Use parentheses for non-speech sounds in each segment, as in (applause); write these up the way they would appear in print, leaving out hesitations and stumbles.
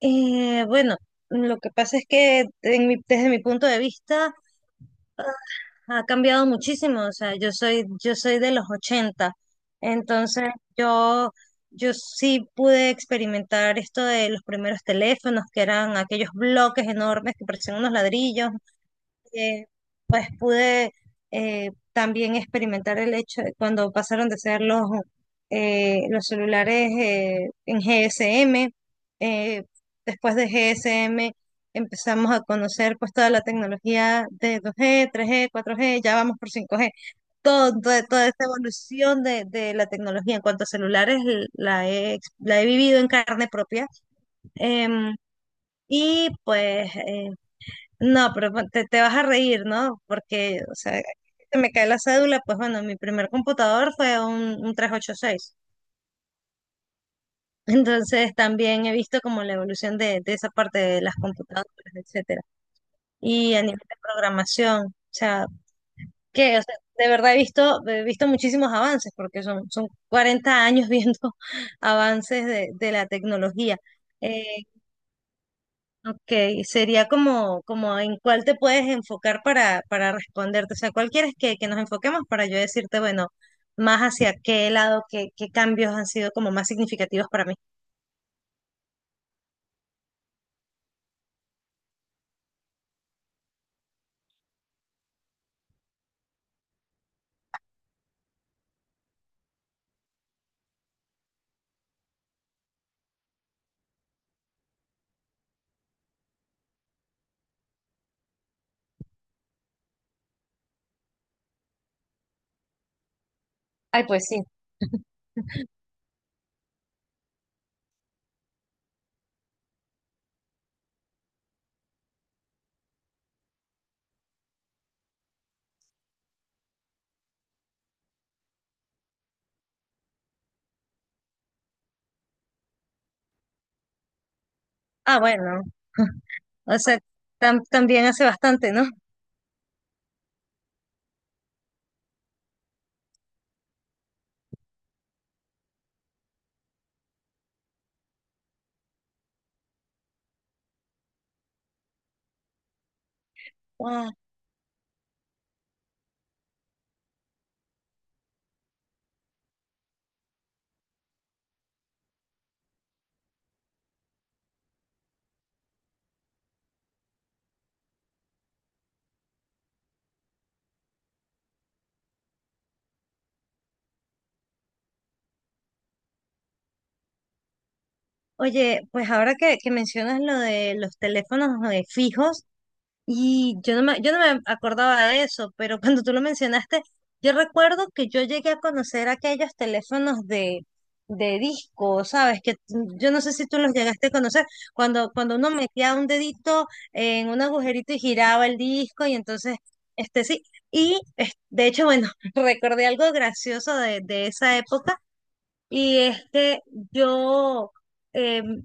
Eh, bueno, lo que pasa es que en mi- desde mi punto de vista ah, ha cambiado muchísimo. O sea, yo soy de los 80, entonces yo, yo sí pude experimentar esto de los primeros teléfonos, que eran aquellos bloques enormes que parecían unos ladrillos, eh, pues pude también experimentar el hecho de cuando pasaron de ser los celulares en GSM. eh, Después de GSM empezamos a conocer pues toda la tecnología de 2G, 3G, 4G, ya vamos por 5G. Toda toda esta evolución de la tecnología en cuanto a celulares la he vivido en carne propia. Em, y pues no, pero te, te vas a reír, ¿no? Porque, o sea, se me cae la cédula, pues bueno, mi primer computador fue un 386. (laughs) Entonces también he visto como la evolución de esa parte de las computadoras, etcétera. Y a nivel de programación, o sea, que, o sea, de verdad he visto muchísimos avances, porque son 40 años viendo (laughs) avances de la tecnología. Eh, Ok, sería como, como en cuál te puedes enfocar para responderte. O sea, ¿cuál quieres que nos enfoquemos para yo decirte, bueno, más hacia qué lado, qué, qué cambios han sido como más significativos para mí? Ay, pues sí. Ah, bueno. (laughs) O sea, también hace bastante, ¿no? Ah. Oye, pues ahora que mencionas lo de los teléfonos fijos, y yo no me acordaba de eso, pero (laughs) cuando tú lo mencionaste, yo recuerdo que yo llegué a conocer aquellos teléfonos de disco, ¿sabes? Que tú- yo no sé si tú los llegaste a conocer, cuando, cuando uno metía un dedito en un agujerito y giraba el disco, y entonces, este sí. Y de hecho, bueno, (laughs) recordé algo gracioso de esa época, y es que yo. em,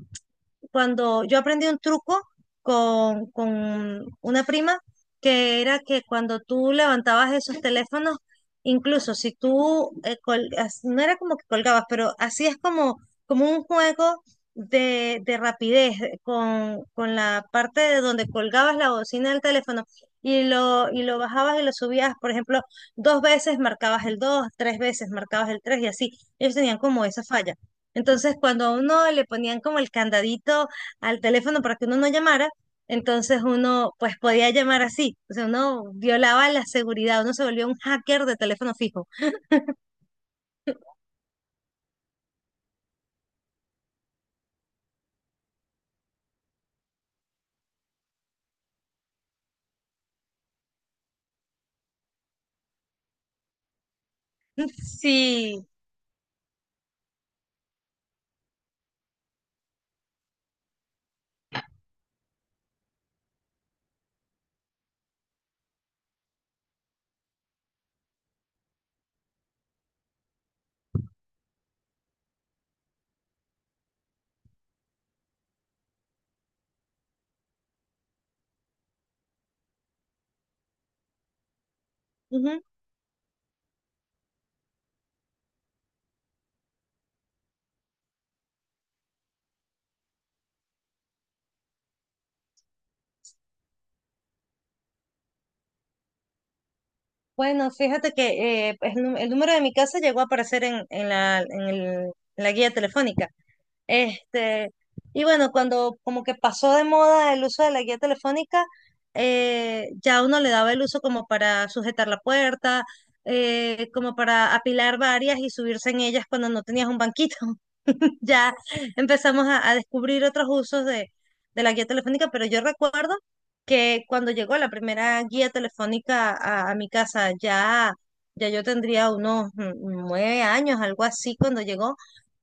cuando yo aprendí un truco con una prima que era que cuando tú levantabas esos teléfonos, incluso si tú, no era como que colgabas, pero hacías como, como un juego de rapidez con la parte de donde colgabas la bocina del teléfono y lo bajabas y lo subías. Por ejemplo, dos veces marcabas el 2, tres veces marcabas el 3 y así. Ellos tenían como esa falla. Entonces, cuando a uno le ponían como el candadito al teléfono para que uno no llamara, entonces uno pues podía llamar así. O sea, uno violaba la seguridad, uno se volvió un hacker de teléfono fijo. (laughs) Sí. Ujú. Bueno, fíjate que pues, el número de mi casa llegó a aparecer en la guía telefónica. Este, y bueno, cuando como que pasó de moda el uso de la guía telefónica, ya uno le daba el uso como para sujetar la puerta, como para apilar varias y subirse en ellas cuando no tenías un banquito. (laughs) Ya empezamos a descubrir otros usos de la guía telefónica, pero yo recuerdo que cuando llegó la primera guía telefónica a mi casa, ya, ya yo tendría unos 9 años, algo así, cuando llegó.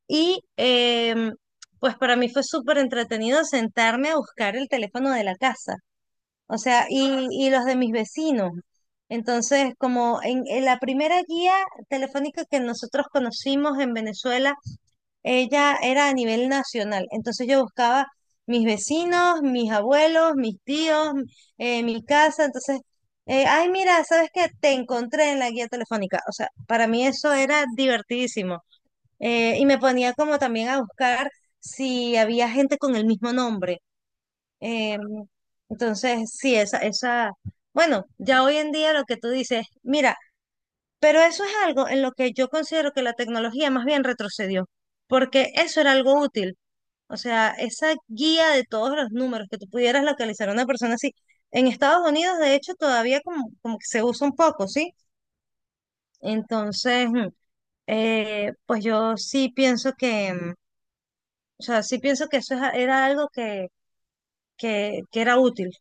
Y pues para mí fue súper entretenido sentarme a buscar el teléfono de la casa, o sea, y los de mis vecinos. Entonces, como en la primera guía telefónica que nosotros conocimos en Venezuela, ella era a nivel nacional. Entonces yo buscaba mis vecinos, mis abuelos, mis tíos, mi casa. Entonces, ay, mira, ¿sabes qué? Te encontré en la guía telefónica. O sea, para mí eso era divertidísimo. Y me ponía como también a buscar si había gente con el mismo nombre. Eh, entonces, sí, bueno, ya hoy en día lo que tú dices, mira, pero eso es algo en lo que yo considero que la tecnología más bien retrocedió, porque eso era algo útil. O sea, esa guía de todos los números que tú pudieras localizar a una persona así. En Estados Unidos, de hecho, todavía como, como que se usa un poco, ¿sí? Entonces, pues yo sí pienso que... o sea, sí pienso que eso es era algo que era útil.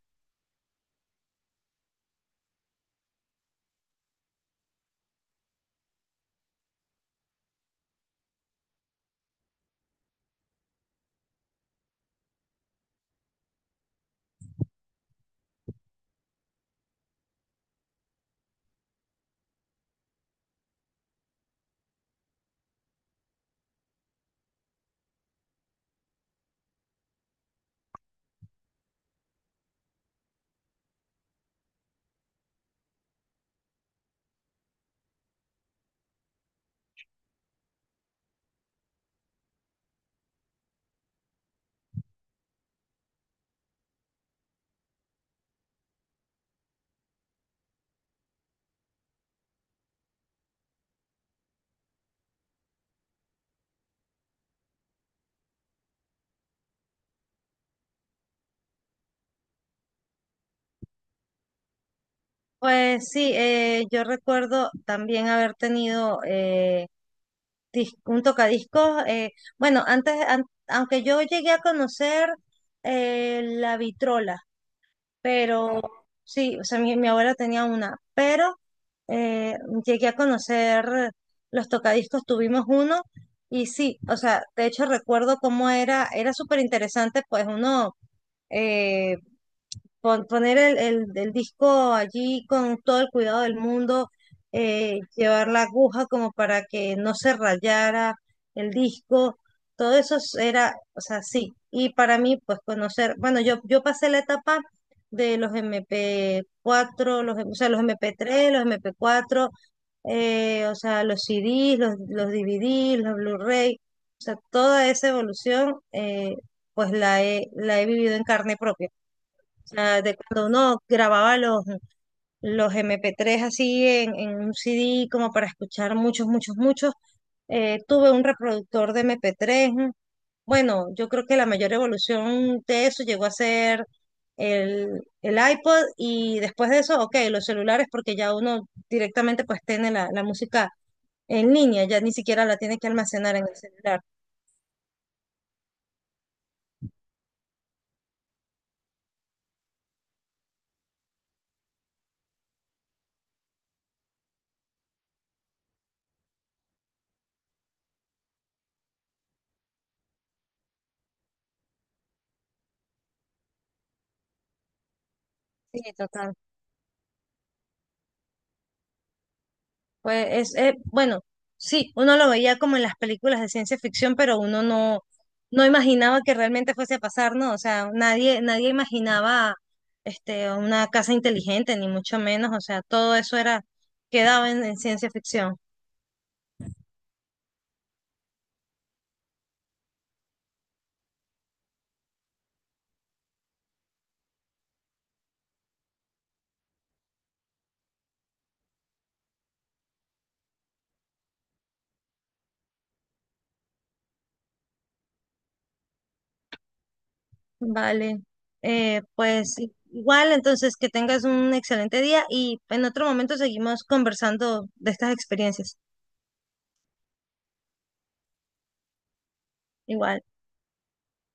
Pues sí, yo recuerdo también haber tenido un tocadiscos. Bueno, aunque yo llegué a conocer la vitrola, pero sí, o sea, mi abuela tenía una, pero eh, llegué a conocer los tocadiscos, tuvimos uno y sí, o sea, de hecho recuerdo cómo era. Era súper interesante, pues uno... eh, poner el disco allí con todo el cuidado del mundo, llevar la aguja como para que no se rayara el disco, todo eso era, o sea, sí. Y para mí, pues conocer, bueno, yo pasé la etapa de los MP4 los MP3 los MP4, los CDs, los DVDs, los Blu-ray, o sea, toda esa evolución. Pues la he vivido en carne propia, sea, de cuando uno grababa los MP3 así en un CD como para escuchar muchos, muchos, muchos. Tuve un reproductor de MP3. Bueno, yo creo que la mayor evolución de eso llegó a ser el iPod y después de eso, ok, los celulares porque ya uno directamente pues tiene la música en línea, ya ni siquiera la tiene que almacenar en el celular. Sí, total. Pues es, eh, bueno, sí, uno lo veía como en las películas de ciencia ficción, pero uno no, no imaginaba que realmente fuese a pasar, ¿no? O sea, nadie, nadie imaginaba este, una casa inteligente, ni mucho menos. O sea, todo eso era, quedaba en ciencia ficción. Vale. Pues igual, entonces, que tengas un excelente día y en otro momento seguimos conversando de estas experiencias. Igual.